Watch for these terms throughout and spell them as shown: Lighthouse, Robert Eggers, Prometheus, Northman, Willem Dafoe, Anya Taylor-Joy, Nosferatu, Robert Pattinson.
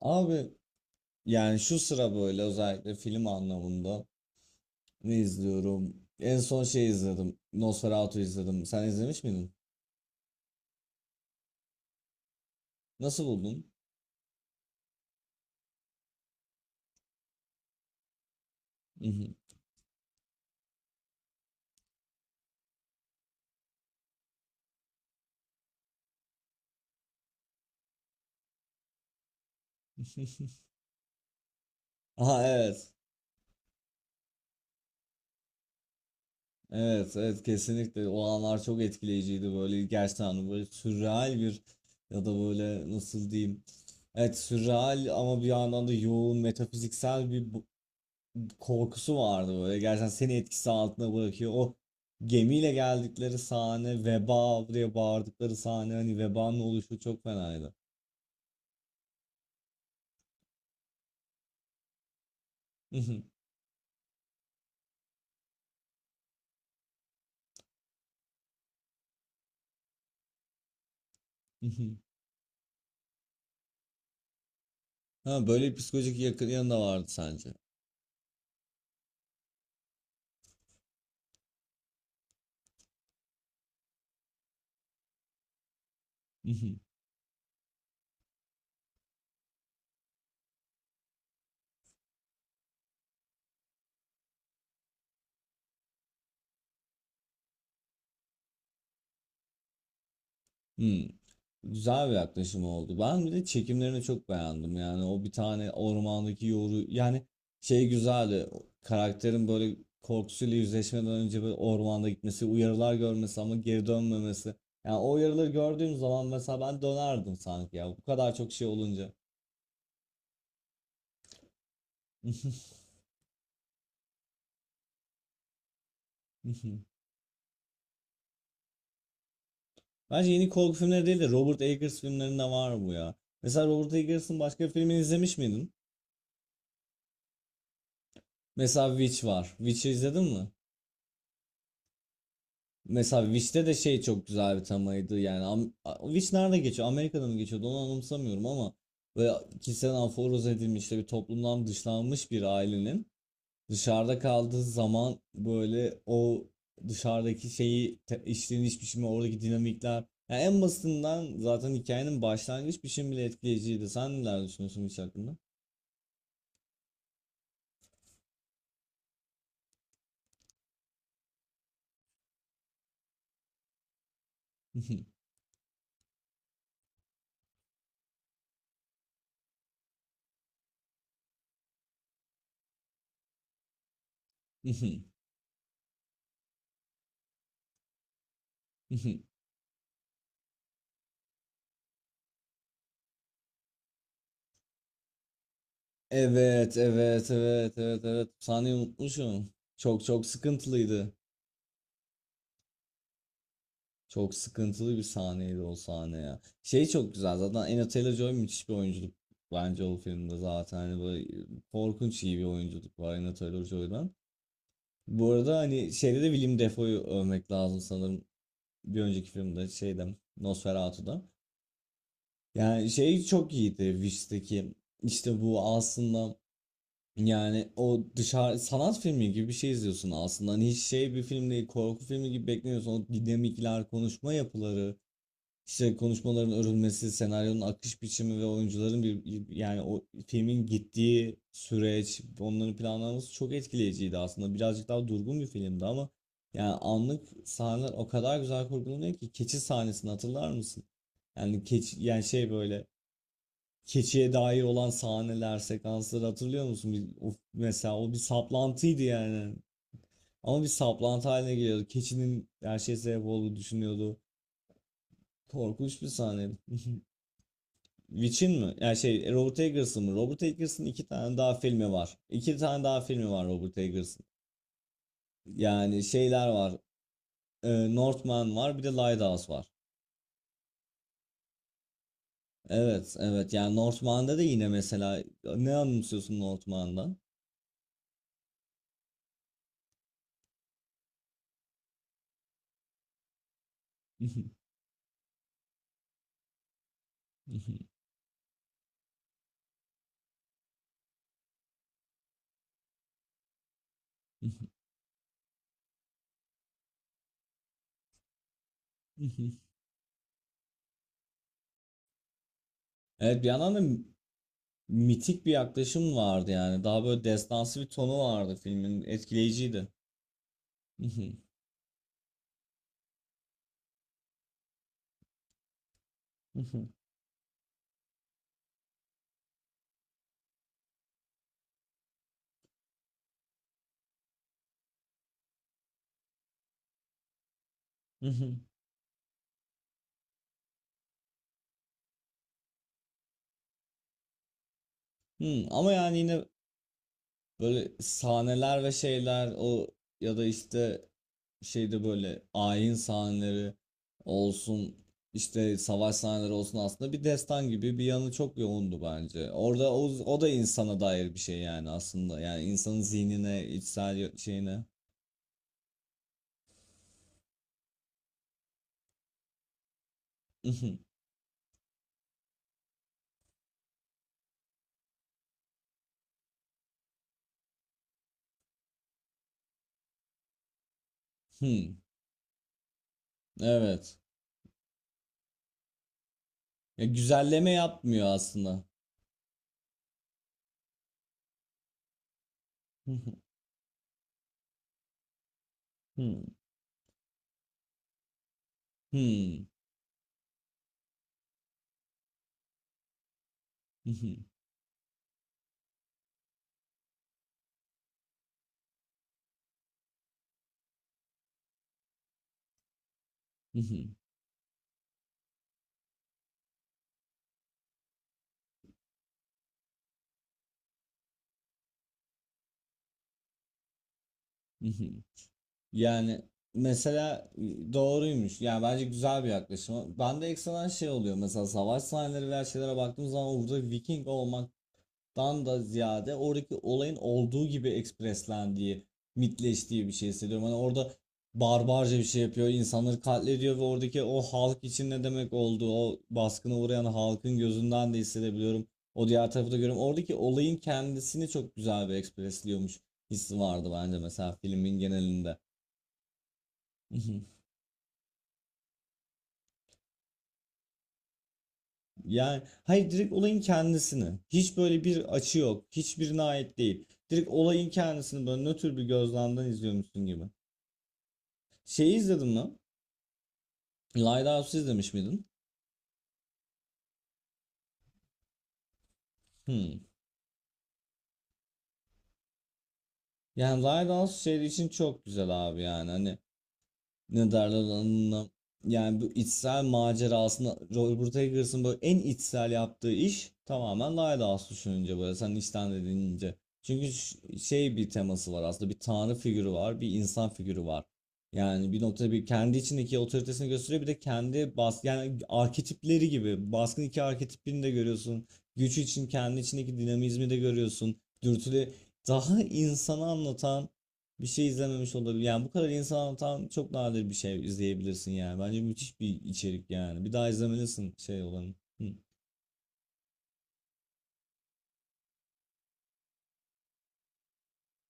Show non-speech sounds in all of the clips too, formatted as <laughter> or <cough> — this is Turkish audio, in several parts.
Abi yani şu sıra böyle özellikle film anlamında ne izliyorum? En son şey izledim. Nosferatu izledim. Sen izlemiş miydin? Nasıl buldun? <laughs> Aha evet. Evet evet kesinlikle o anlar çok etkileyiciydi böyle gerçekten hani böyle sürreal bir ya da böyle nasıl diyeyim. Evet sürreal ama bir yandan da yoğun metafiziksel bir korkusu vardı böyle. Gerçekten seni etkisi altına bırakıyor. O gemiyle geldikleri sahne, veba diye bağırdıkları sahne hani vebanın oluşu çok fenaydı. <laughs> Ha, böyle bir psikolojik yakın yanı da vardı sence. <laughs> Güzel bir yaklaşım oldu. Ben bir de çekimlerini çok beğendim. Yani o bir tane ormandaki yoru yani şey güzeldi. O karakterin böyle korkusuyla yüzleşmeden önce böyle ormanda gitmesi, uyarılar görmesi ama geri dönmemesi. Yani o uyarıları gördüğüm zaman mesela ben dönerdim sanki ya. Bu kadar çok şey olunca. <laughs> Bence yeni korku filmleri değil de Robert Eggers filmlerinde var bu ya. Mesela Robert Eggers'ın başka bir filmini izlemiş miydin? Mesela Witch var. Witch'i izledin mi? Mesela Wish'te de şey çok güzel bir temaydı yani. Wish nerede geçiyor? Amerika'da mı geçiyordu? Onu anımsamıyorum ama böyle kişisel aforoz edilmiş işte bir toplumdan dışlanmış bir ailenin dışarıda kaldığı zaman böyle o dışarıdaki şeyi işleniş biçimi oradaki dinamikler yani en basitinden zaten hikayenin başlangıç biçimi bile etkileyiciydi. Sen neler düşünüyorsun Wish hakkında? <laughs> Evet, evet, evet, evet, evet. Sahneyi unutmuşum. Çok çok sıkıntılıydı. Çok sıkıntılı bir sahneydi o sahne ya. Şey çok güzel zaten Anya Taylor-Joy müthiş bir oyunculuk bence o filmde zaten hani böyle korkunç iyi bir oyunculuk var Anya Taylor-Joy'dan. Bu arada hani şeyde de Willem Dafoe'yu övmek lazım sanırım bir önceki filmde şeyde Nosferatu'da. Yani şey çok iyiydi Wish'teki işte bu aslında yani o dışarı sanat filmi gibi bir şey izliyorsun aslında. Hani hiç şey bir film değil korku filmi gibi beklemiyorsun. O dinamikler, konuşma yapıları. İşte konuşmaların örülmesi, senaryonun akış biçimi ve oyuncuların bir yani o filmin gittiği süreç, onların planlanması çok etkileyiciydi aslında. Birazcık daha durgun bir filmdi ama yani anlık sahneler o kadar güzel kurgulanıyor ki keçi sahnesini hatırlar mısın? Yani keçi yani şey böyle keçiye dair olan sahneler, sekansları hatırlıyor musun? Bir, of, mesela o bir saplantıydı yani. Ama bir saplantı haline geliyordu. Keçinin her şeye sebep olduğu düşünüyordu. Korkunç bir sahneydi. <laughs> Witch'in mi? Yani şey Robert Eggers'ın mı? Robert Eggers'ın iki tane daha filmi var. İki tane daha filmi var Robert Eggers'ın. Yani şeyler var. Northman var bir de Lighthouse var. Evet evet yani Northman'da da yine mesela ne anımsıyorsun Northman'dan? <laughs> Evet bir yandan da mitik bir yaklaşım vardı yani. Daha böyle destansı bir tonu vardı filmin. Etkileyiciydi. <laughs> Hı. Ama yani yine böyle sahneler ve şeyler o ya da işte şeyde böyle ayin sahneleri olsun işte savaş sahneleri olsun aslında bir destan gibi bir yanı çok yoğundu bence. Orada o, o da insana dair bir şey yani aslında yani insanın zihnine içsel şeyine. <laughs> Hmm. Evet. Ya güzelleme yapmıyor aslında. <laughs> Hmm. Hmm. <laughs> Yani mesela doğruymuş. Yani bence güzel bir yaklaşım. Bende ekstradan şey oluyor. Mesela savaş sahneleri veya şeylere baktığım zaman orada Viking olmaktan da ziyade oradaki olayın olduğu gibi ekspreslendiği, mitleştiği bir şey hissediyorum. Hani orada barbarca bir şey yapıyor, insanları katlediyor ve oradaki o halk için ne demek olduğu, o baskına uğrayan halkın gözünden de hissedebiliyorum. O diğer tarafı da görüyorum. Oradaki olayın kendisini çok güzel bir ekspresliyormuş hissi vardı bence mesela filmin genelinde. <laughs> Yani hayır direkt olayın kendisini. Hiç böyle bir açı yok. Hiçbirine ait değil. Direkt olayın kendisini böyle nötr bir gözlemden izliyormuşsun gibi. Şeyi izledin mi? Lighthouse'u izlemiş miydin? Hmm. Yani Lighthouse şey için çok güzel abi yani. Hani ne derler ona? Yani bu içsel macerasında Robert Eggers'ın böyle en içsel yaptığı iş tamamen Lighthouse düşününce böyle sen içten dediğince. Çünkü şey bir teması var aslında bir tanrı figürü var bir insan figürü var. Yani bir noktada bir kendi içindeki otoritesini gösteriyor bir de kendi bas yani arketipleri gibi baskın iki arketipini de görüyorsun. Güç için kendi içindeki dinamizmi de görüyorsun. Dürtüle daha insanı anlatan bir şey izlememiş olabilir. Yani bu kadar insan anlatan çok nadir bir şey izleyebilirsin yani. Bence müthiş bir içerik yani. Bir daha izlemelisin şey olanı. Hı.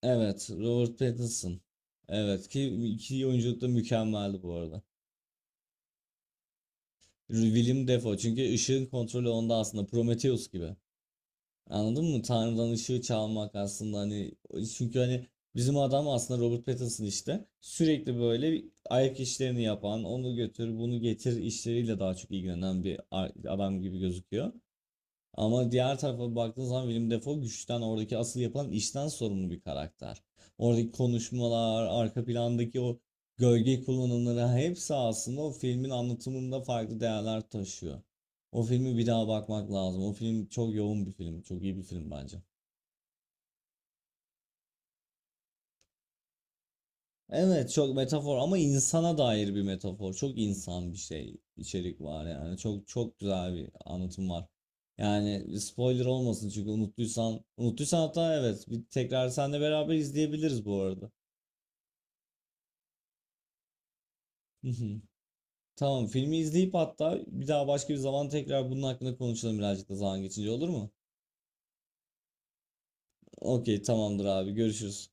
Evet, Robert Pattinson. Evet ki iki oyunculuk da mükemmeldi bu arada. Willem Dafoe çünkü ışığın kontrolü onda aslında Prometheus gibi. Anladın mı? Tanrı'dan ışığı çalmak aslında hani çünkü hani bizim adam aslında Robert Pattinson işte sürekli böyle bir ayak işlerini yapan onu götür bunu getir işleriyle daha çok ilgilenen bir adam gibi gözüküyor. Ama diğer tarafa baktığın zaman Willem Dafoe güçten, oradaki asıl yapılan işten sorumlu bir karakter. Oradaki konuşmalar, arka plandaki o gölge kullanımları hepsi aslında o filmin anlatımında farklı değerler taşıyor. O filmi bir daha bakmak lazım. O film çok yoğun bir film, çok iyi bir film bence. Evet çok metafor ama insana dair bir metafor. Çok insan bir şey içerik var yani. Çok çok güzel bir anlatım var. Yani spoiler olmasın çünkü unuttuysan unuttuysan hatta evet bir tekrar seninle beraber izleyebiliriz bu arada. <laughs> Tamam filmi izleyip hatta bir daha başka bir zaman tekrar bunun hakkında konuşalım birazcık da zaman geçince olur mu? Okey tamamdır abi görüşürüz.